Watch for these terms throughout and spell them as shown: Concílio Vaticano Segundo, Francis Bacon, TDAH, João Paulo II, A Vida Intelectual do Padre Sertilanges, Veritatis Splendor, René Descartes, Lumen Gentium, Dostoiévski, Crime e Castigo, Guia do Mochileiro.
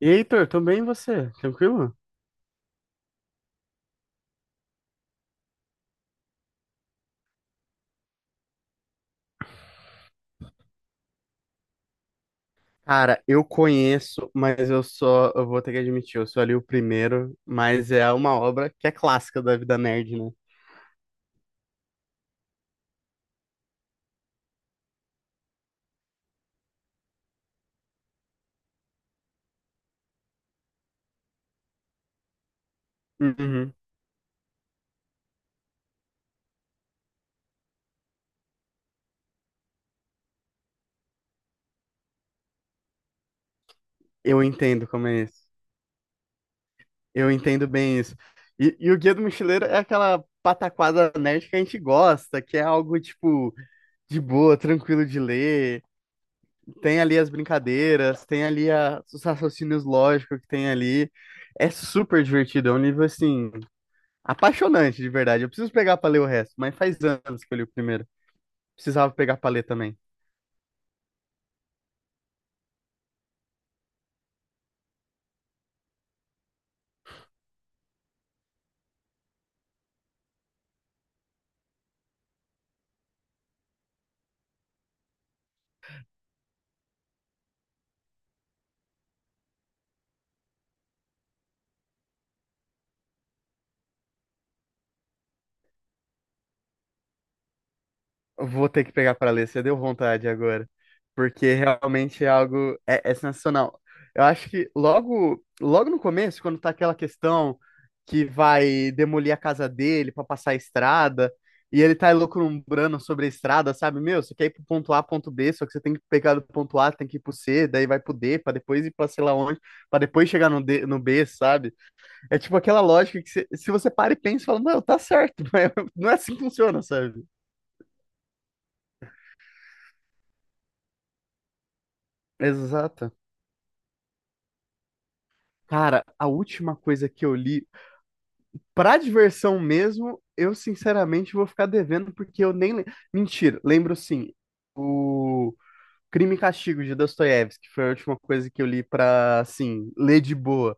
E Heitor, tudo bem e você? Tranquilo? Cara, eu conheço, mas eu vou ter que admitir, eu sou ali o primeiro, mas é uma obra que é clássica da vida nerd, né? Uhum. Eu entendo como é isso. Eu entendo bem isso. E o Guia do Mochileiro é aquela pataquada nerd que a gente gosta, que é algo, tipo, de boa, tranquilo de ler. Tem ali as brincadeiras, tem ali os raciocínios lógicos que tem ali. É super divertido, é um livro, assim, apaixonante, de verdade. Eu preciso pegar pra ler o resto, mas faz anos que eu li o primeiro. Precisava pegar pra ler também. Eu vou ter que pegar pra ler, você deu vontade agora. Porque realmente é algo. É, é sensacional. Eu acho que logo, logo no começo, quando tá aquela questão que vai demolir a casa dele pra passar a estrada, e ele tá elucubrando sobre a estrada, sabe? Meu, você quer ir pro ponto A, ponto B, só que você tem que pegar do ponto A, tem que ir pro C, daí vai pro D, pra depois ir pra sei lá onde, pra depois chegar no D, no B, sabe? É tipo aquela lógica que se você para e pensa, fala, não, tá certo, mas não é assim que funciona, sabe? Exato. Cara, a última coisa que eu li, pra diversão mesmo, eu sinceramente vou ficar devendo, porque eu nem. Le- mentira, lembro sim. O Crime e Castigo de Dostoiévski, que foi a última coisa que eu li pra, assim, ler de boa.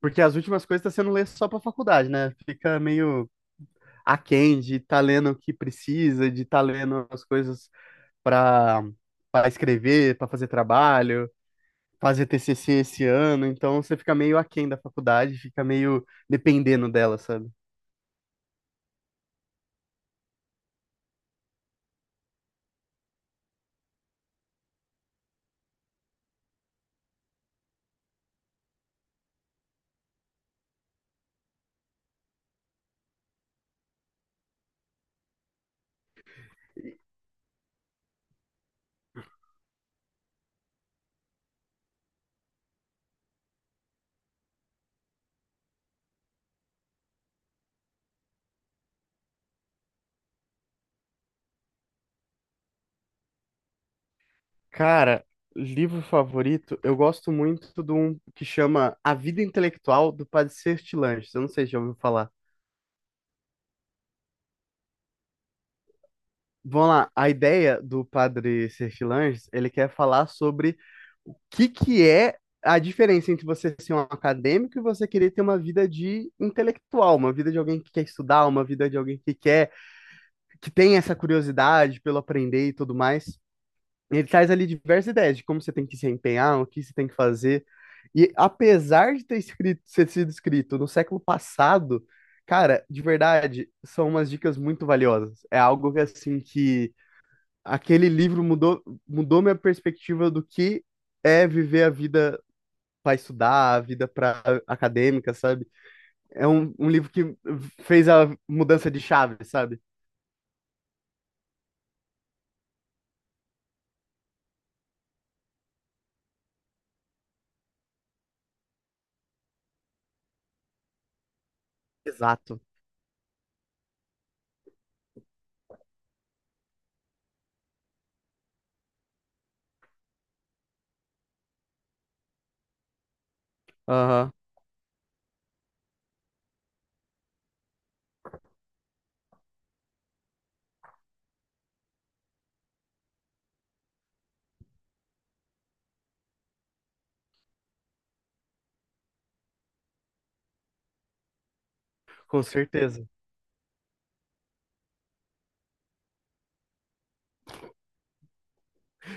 Porque as últimas coisas tá sendo ler só pra faculdade, né? Fica meio aquém de tá lendo o que precisa, de tá lendo as coisas para para escrever, para fazer trabalho, fazer TCC esse ano, então você fica meio aquém da faculdade, fica meio dependendo dela, sabe? Cara, livro favorito, eu gosto muito de um que chama A Vida Intelectual do Padre Sertilanges. Eu não sei se já ouviu falar. Vamos lá, a ideia do Padre Sertilanges, ele quer falar sobre o que que é a diferença entre você ser um acadêmico e você querer ter uma vida de intelectual, uma vida de alguém que quer estudar, uma vida de alguém que quer que tem essa curiosidade pelo aprender e tudo mais. Ele traz ali diversas ideias de como você tem que se empenhar, o que você tem que fazer. E apesar de ter escrito, ter sido escrito no século passado, cara, de verdade, são umas dicas muito valiosas. É algo que assim que aquele livro mudou, mudou minha perspectiva do que é viver a vida para estudar, a vida para acadêmica, sabe? É um livro que fez a mudança de chave, sabe? Exato. Aham, com certeza.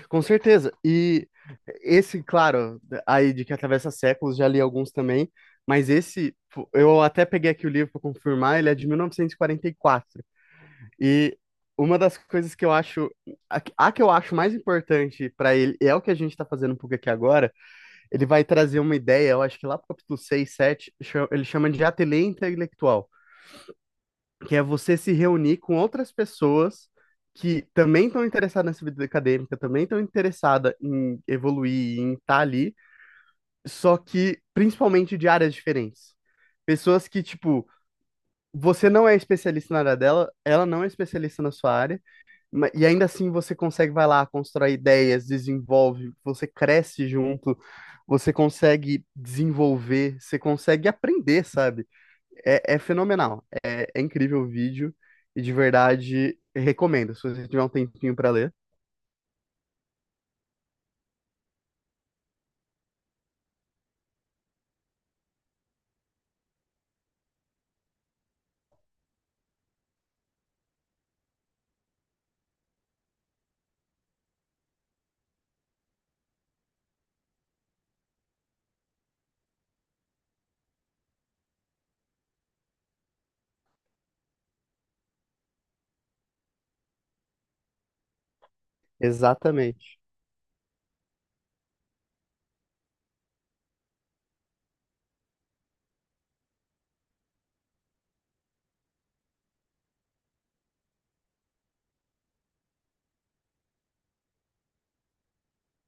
Com certeza. E esse, claro, aí de que atravessa séculos, já li alguns também, mas esse, pô, eu até peguei aqui o livro para confirmar, ele é de 1944. E quarenta e quatro. E uma das coisas que eu acho, a que eu acho mais importante para ele, e é o que a gente está fazendo um pouco aqui agora, ele vai trazer uma ideia, eu acho que lá pro capítulo 6 7 ele chama de ateliê intelectual que é você se reunir com outras pessoas que também estão interessadas nessa vida acadêmica, também estão interessadas em evoluir, em estar ali, só que principalmente de áreas diferentes. Pessoas que, tipo, você não é especialista na área dela, ela não é especialista na sua área, e ainda assim você consegue, vai lá, constrói ideias, desenvolve, você cresce junto, você consegue desenvolver, você consegue aprender, sabe? É, é fenomenal. É, é incrível o vídeo e de verdade recomendo, se você tiver um tempinho para ler. Exatamente.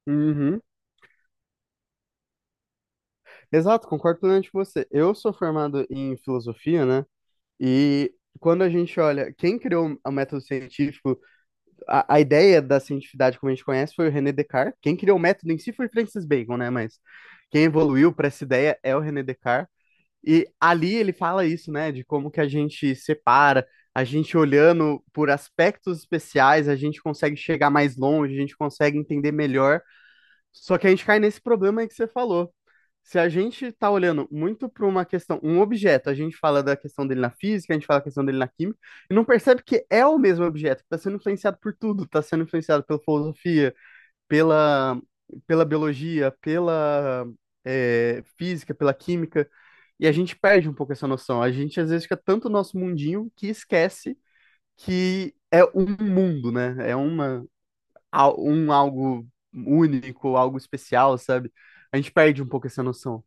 Uhum. Exato, concordo plenamente com você. Eu sou formado em filosofia, né? E quando a gente olha quem criou o método científico, a ideia da cientificidade como a gente conhece foi o René Descartes. Quem criou o método em si foi Francis Bacon, né? Mas quem evoluiu para essa ideia é o René Descartes. E ali ele fala isso, né, de como que a gente separa, a gente olhando por aspectos especiais, a gente consegue chegar mais longe, a gente consegue entender melhor. Só que a gente cai nesse problema aí que você falou. Se a gente tá olhando muito para uma questão, um objeto, a gente fala da questão dele na física, a gente fala da questão dele na química, e não percebe que é o mesmo objeto, que está sendo influenciado por tudo, está sendo influenciado pela filosofia, pela, pela biologia, pela física, pela química, e a gente perde um pouco essa noção. A gente às vezes fica tanto no nosso mundinho que esquece que é um mundo, né? É uma, um algo único, algo especial, sabe? A gente perde um pouco essa noção.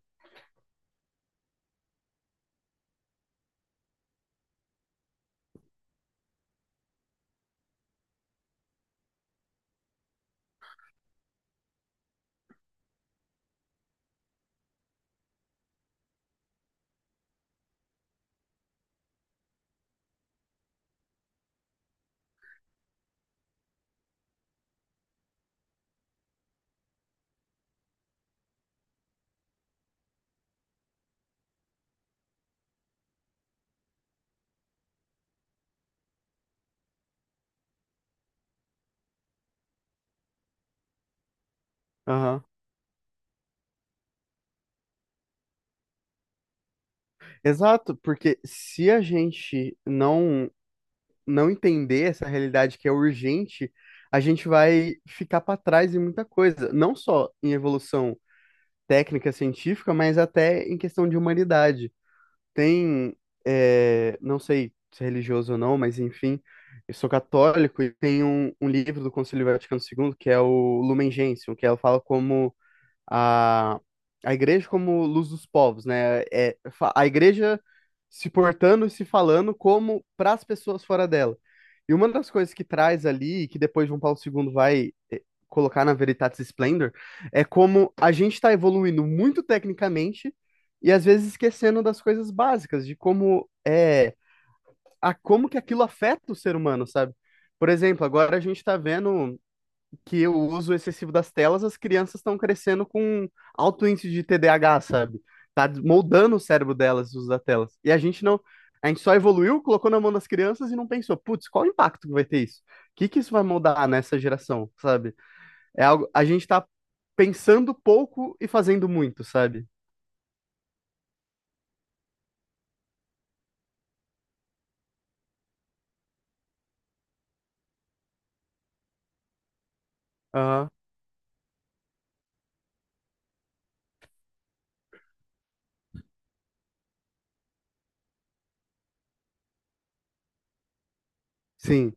Aham. Exato, porque se a gente não entender essa realidade que é urgente, a gente vai ficar para trás em muita coisa, não só em evolução técnica científica, mas até em questão de humanidade. Tem, é, não sei se é religioso ou não, mas enfim, eu sou católico e tem um livro do Concílio Vaticano segundo que é o Lumen Gentium, que ela fala como a, a igreja como luz dos povos, né? É, a igreja se portando e se falando como para as pessoas fora dela. E uma das coisas que traz ali, que depois João Paulo II vai colocar na Veritatis Splendor, é como a gente está evoluindo muito tecnicamente e às vezes esquecendo das coisas básicas, de como a como que aquilo afeta o ser humano, sabe? Por exemplo, agora a gente está vendo que o uso excessivo das telas, as crianças estão crescendo com alto índice de TDAH, sabe? Tá moldando o cérebro delas o uso das telas. E a gente não, a gente só evoluiu, colocou na mão das crianças e não pensou, putz, qual o impacto que vai ter isso? O que que isso vai moldar nessa geração, sabe? É algo, a gente tá pensando pouco e fazendo muito, sabe? Aham, sim,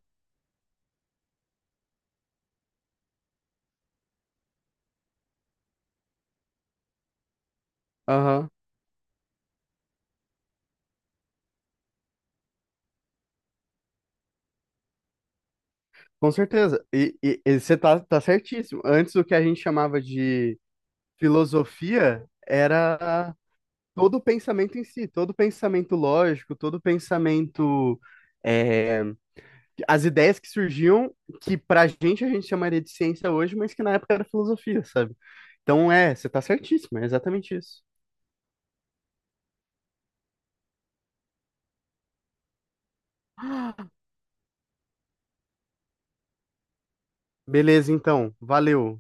aham, com certeza. E você tá certíssimo. Antes o que a gente chamava de filosofia era todo pensamento em si, todo pensamento lógico, todo pensamento. É, as ideias que surgiam, que pra gente a gente chamaria de ciência hoje, mas que na época era filosofia, sabe? Então é, você tá certíssimo, é exatamente isso. Beleza, então, valeu.